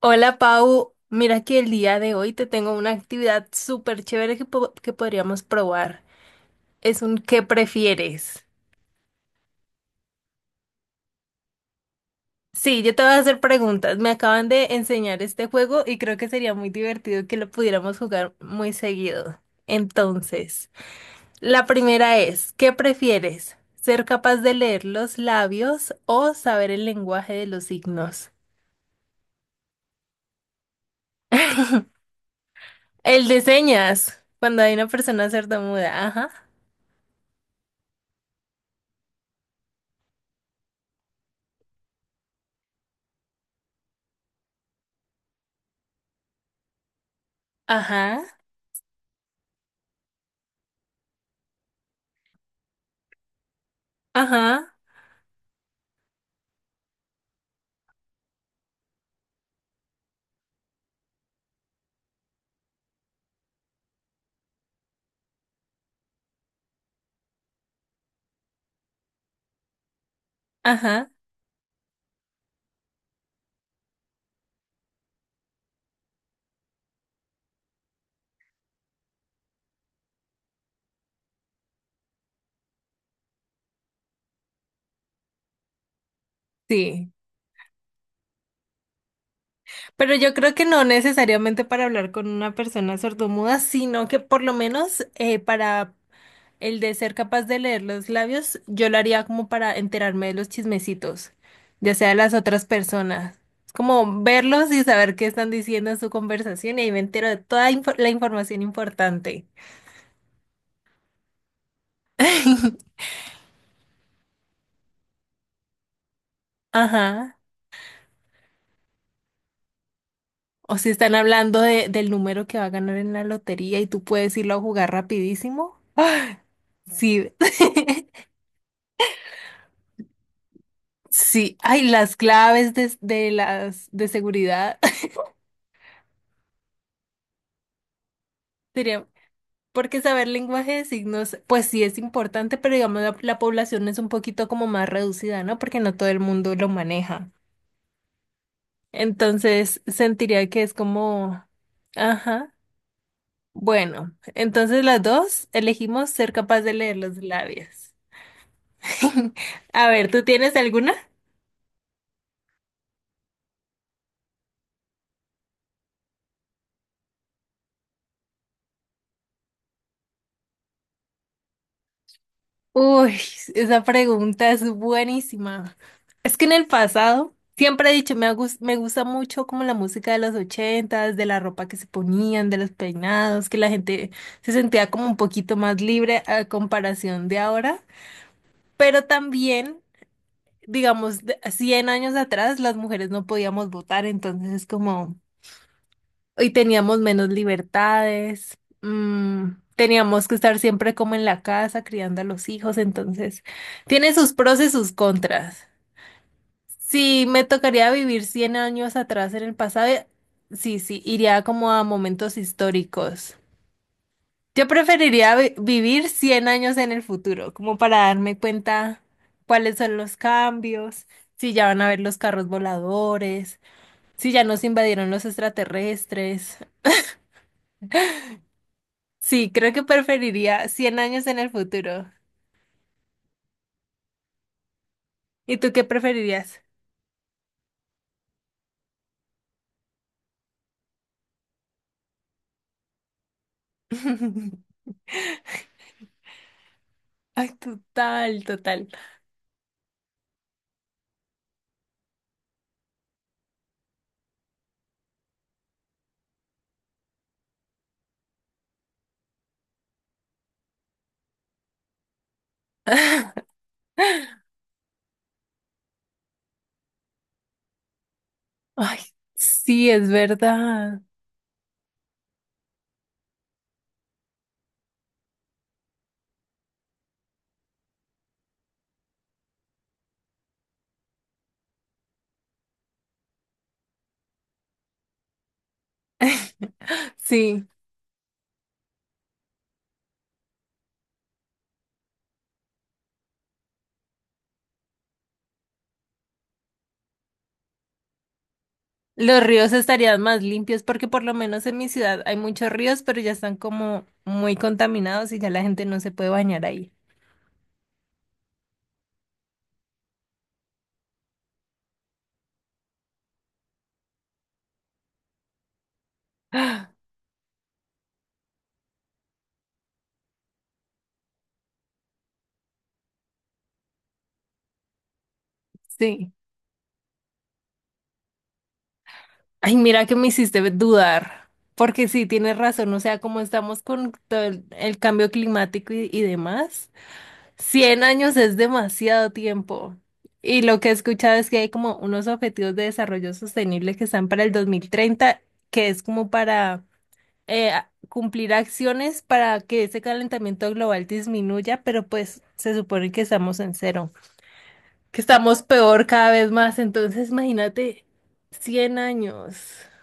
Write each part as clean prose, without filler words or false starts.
Hola Pau, mira que el día de hoy te tengo una actividad súper chévere que podríamos probar. Es un ¿qué prefieres? Sí, yo te voy a hacer preguntas. Me acaban de enseñar este juego y creo que sería muy divertido que lo pudiéramos jugar muy seguido. Entonces, la primera es, ¿qué prefieres? ¿Ser capaz de leer los labios o saber el lenguaje de los signos? El de señas, cuando hay una persona sordomuda. Ajá, ajá, ajá. Ajá, sí. Pero yo creo que no necesariamente para hablar con una persona sordomuda, sino que por lo menos para el de ser capaz de leer los labios, yo lo haría como para enterarme de los chismecitos, ya sea de las otras personas. Es como verlos y saber qué están diciendo en su conversación y ahí me entero de toda la información importante. Ajá. O si están hablando del número que va a ganar en la lotería y tú puedes irlo a jugar rapidísimo. ¡Ah! Sí. Sí, ay, las claves de las de seguridad. Sería, porque saber lenguaje de signos, pues sí es importante, pero digamos la población es un poquito como más reducida, ¿no? Porque no todo el mundo lo maneja. Entonces, sentiría que es como, ajá. Bueno, entonces las dos elegimos ser capaz de leer los labios. A ver, ¿tú tienes alguna? Uy, esa pregunta es buenísima. Es que en el pasado siempre he dicho, me gusta mucho como la música de los ochentas, de la ropa que se ponían, de los peinados, que la gente se sentía como un poquito más libre a comparación de ahora. Pero también, digamos, 100 años atrás las mujeres no podíamos votar, entonces es como y teníamos menos libertades, teníamos que estar siempre como en la casa criando a los hijos, entonces tiene sus pros y sus contras. Si me tocaría vivir 100 años atrás en el pasado, sí, sí, iría como a momentos históricos. Yo preferiría vivir 100 años en el futuro, como para darme cuenta cuáles son los cambios, si ya van a haber los carros voladores, si ya nos invadieron los extraterrestres. Sí, creo que preferiría 100 años en el futuro. ¿Y tú qué preferirías? Ay, total, total. Ay, sí, es verdad. Sí, los ríos estarían más limpios porque por lo menos en mi ciudad hay muchos ríos, pero ya están como muy contaminados y ya la gente no se puede bañar ahí. Sí. Ay, mira que me hiciste dudar, porque sí, tienes razón, o sea, como estamos con todo el cambio climático y demás. 100 años es demasiado tiempo. Y lo que he escuchado es que hay como unos objetivos de desarrollo sostenible que están para el 2030 que es como para cumplir acciones para que ese calentamiento global disminuya, pero pues se supone que estamos en cero, que estamos peor cada vez más. Entonces, imagínate 100 años.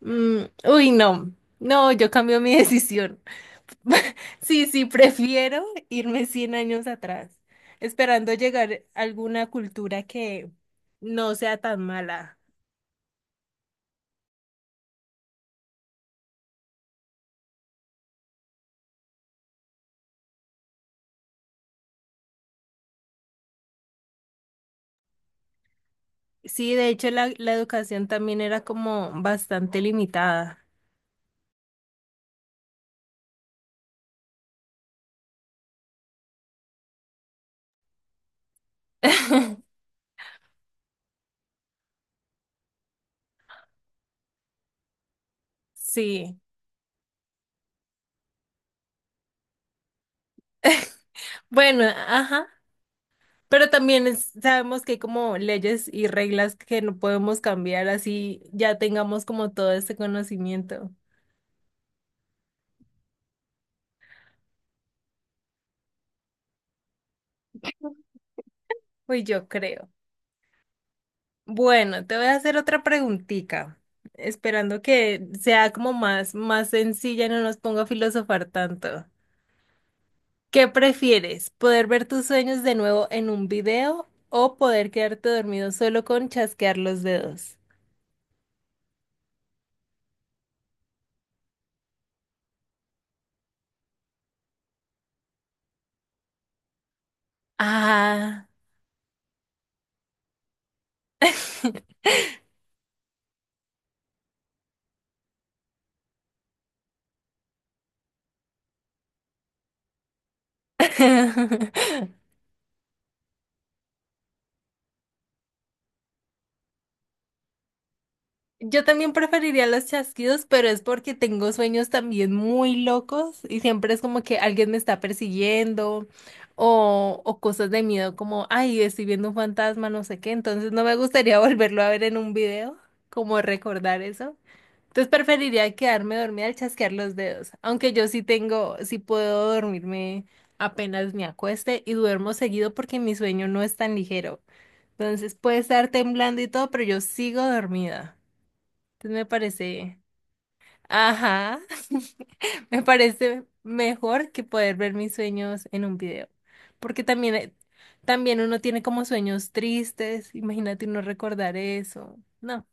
Mm, uy, no, no, yo cambio mi decisión. Sí, sí, prefiero irme 100 años atrás, esperando llegar a alguna cultura que no sea tan mala. Sí, de hecho la educación también era como bastante limitada. Sí, bueno, ajá, pero también sabemos que hay como leyes y reglas que no podemos cambiar así ya tengamos como todo este conocimiento. Pues yo creo. Bueno, te voy a hacer otra preguntita, esperando que sea como más, más sencilla y no nos ponga a filosofar tanto. ¿Qué prefieres? ¿Poder ver tus sueños de nuevo en un video o poder quedarte dormido solo con chasquear los dedos? Ah. Yo también preferiría los chasquidos, pero es porque tengo sueños también muy locos y siempre es como que alguien me está persiguiendo o cosas de miedo como, ay, estoy viendo un fantasma, no sé qué, entonces no me gustaría volverlo a ver en un video, como recordar eso. Entonces preferiría quedarme dormida al chasquear los dedos, aunque yo sí tengo, sí puedo dormirme apenas me acueste y duermo seguido porque mi sueño no es tan ligero. Entonces puede estar temblando y todo, pero yo sigo dormida. Entonces me parece, ajá, me parece mejor que poder ver mis sueños en un video, porque también, también uno tiene como sueños tristes, imagínate uno recordar eso, no,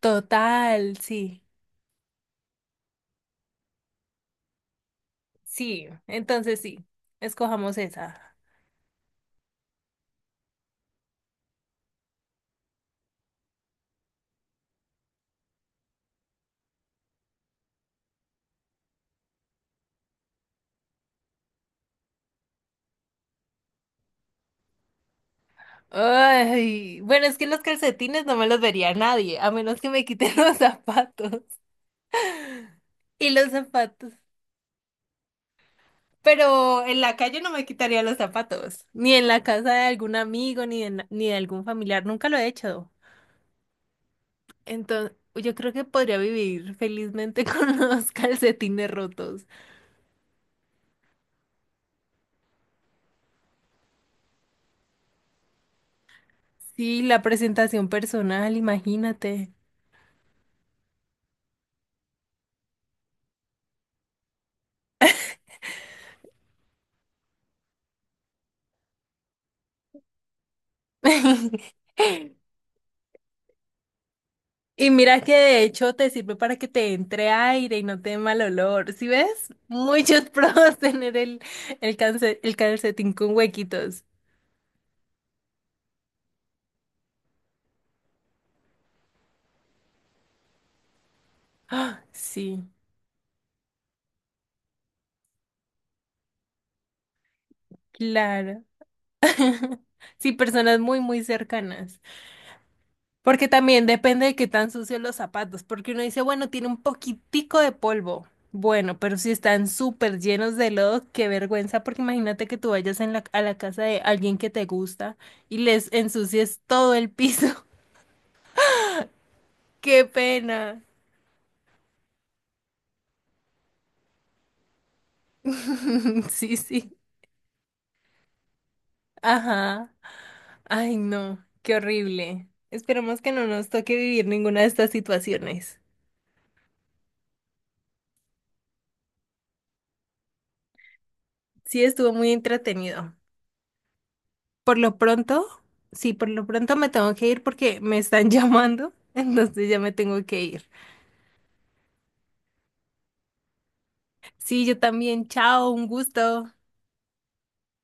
total, sí, sí, entonces sí, escojamos esa. Ay, bueno, es que los calcetines no me los vería nadie, a menos que me quiten los zapatos. Y los zapatos. Pero en la calle no me quitaría los zapatos, ni en la casa de algún amigo, ni de, ni de algún familiar, nunca lo he hecho. Entonces, yo creo que podría vivir felizmente con los calcetines rotos. Sí, la presentación personal, imagínate. Y mira que de hecho te sirve para que te entre aire y no te dé mal olor. ¿Sí ves? Muchos pros tener el calcetín con huequitos. Ah, sí, claro. Sí, personas muy, muy cercanas. Porque también depende de qué tan sucios los zapatos, porque uno dice, bueno, tiene un poquitico de polvo. Bueno, pero si están súper llenos de lodo, qué vergüenza, porque imagínate que tú vayas a la casa de alguien que te gusta y les ensucies todo el piso. ¡Qué pena! Sí, sí. Ajá. Ay, no, qué horrible. Esperemos que no nos toque vivir ninguna de estas situaciones. Sí, estuvo muy entretenido. Por lo pronto, sí, por lo pronto me tengo que ir porque me están llamando, entonces ya me tengo que ir. Sí, yo también, chao, un gusto.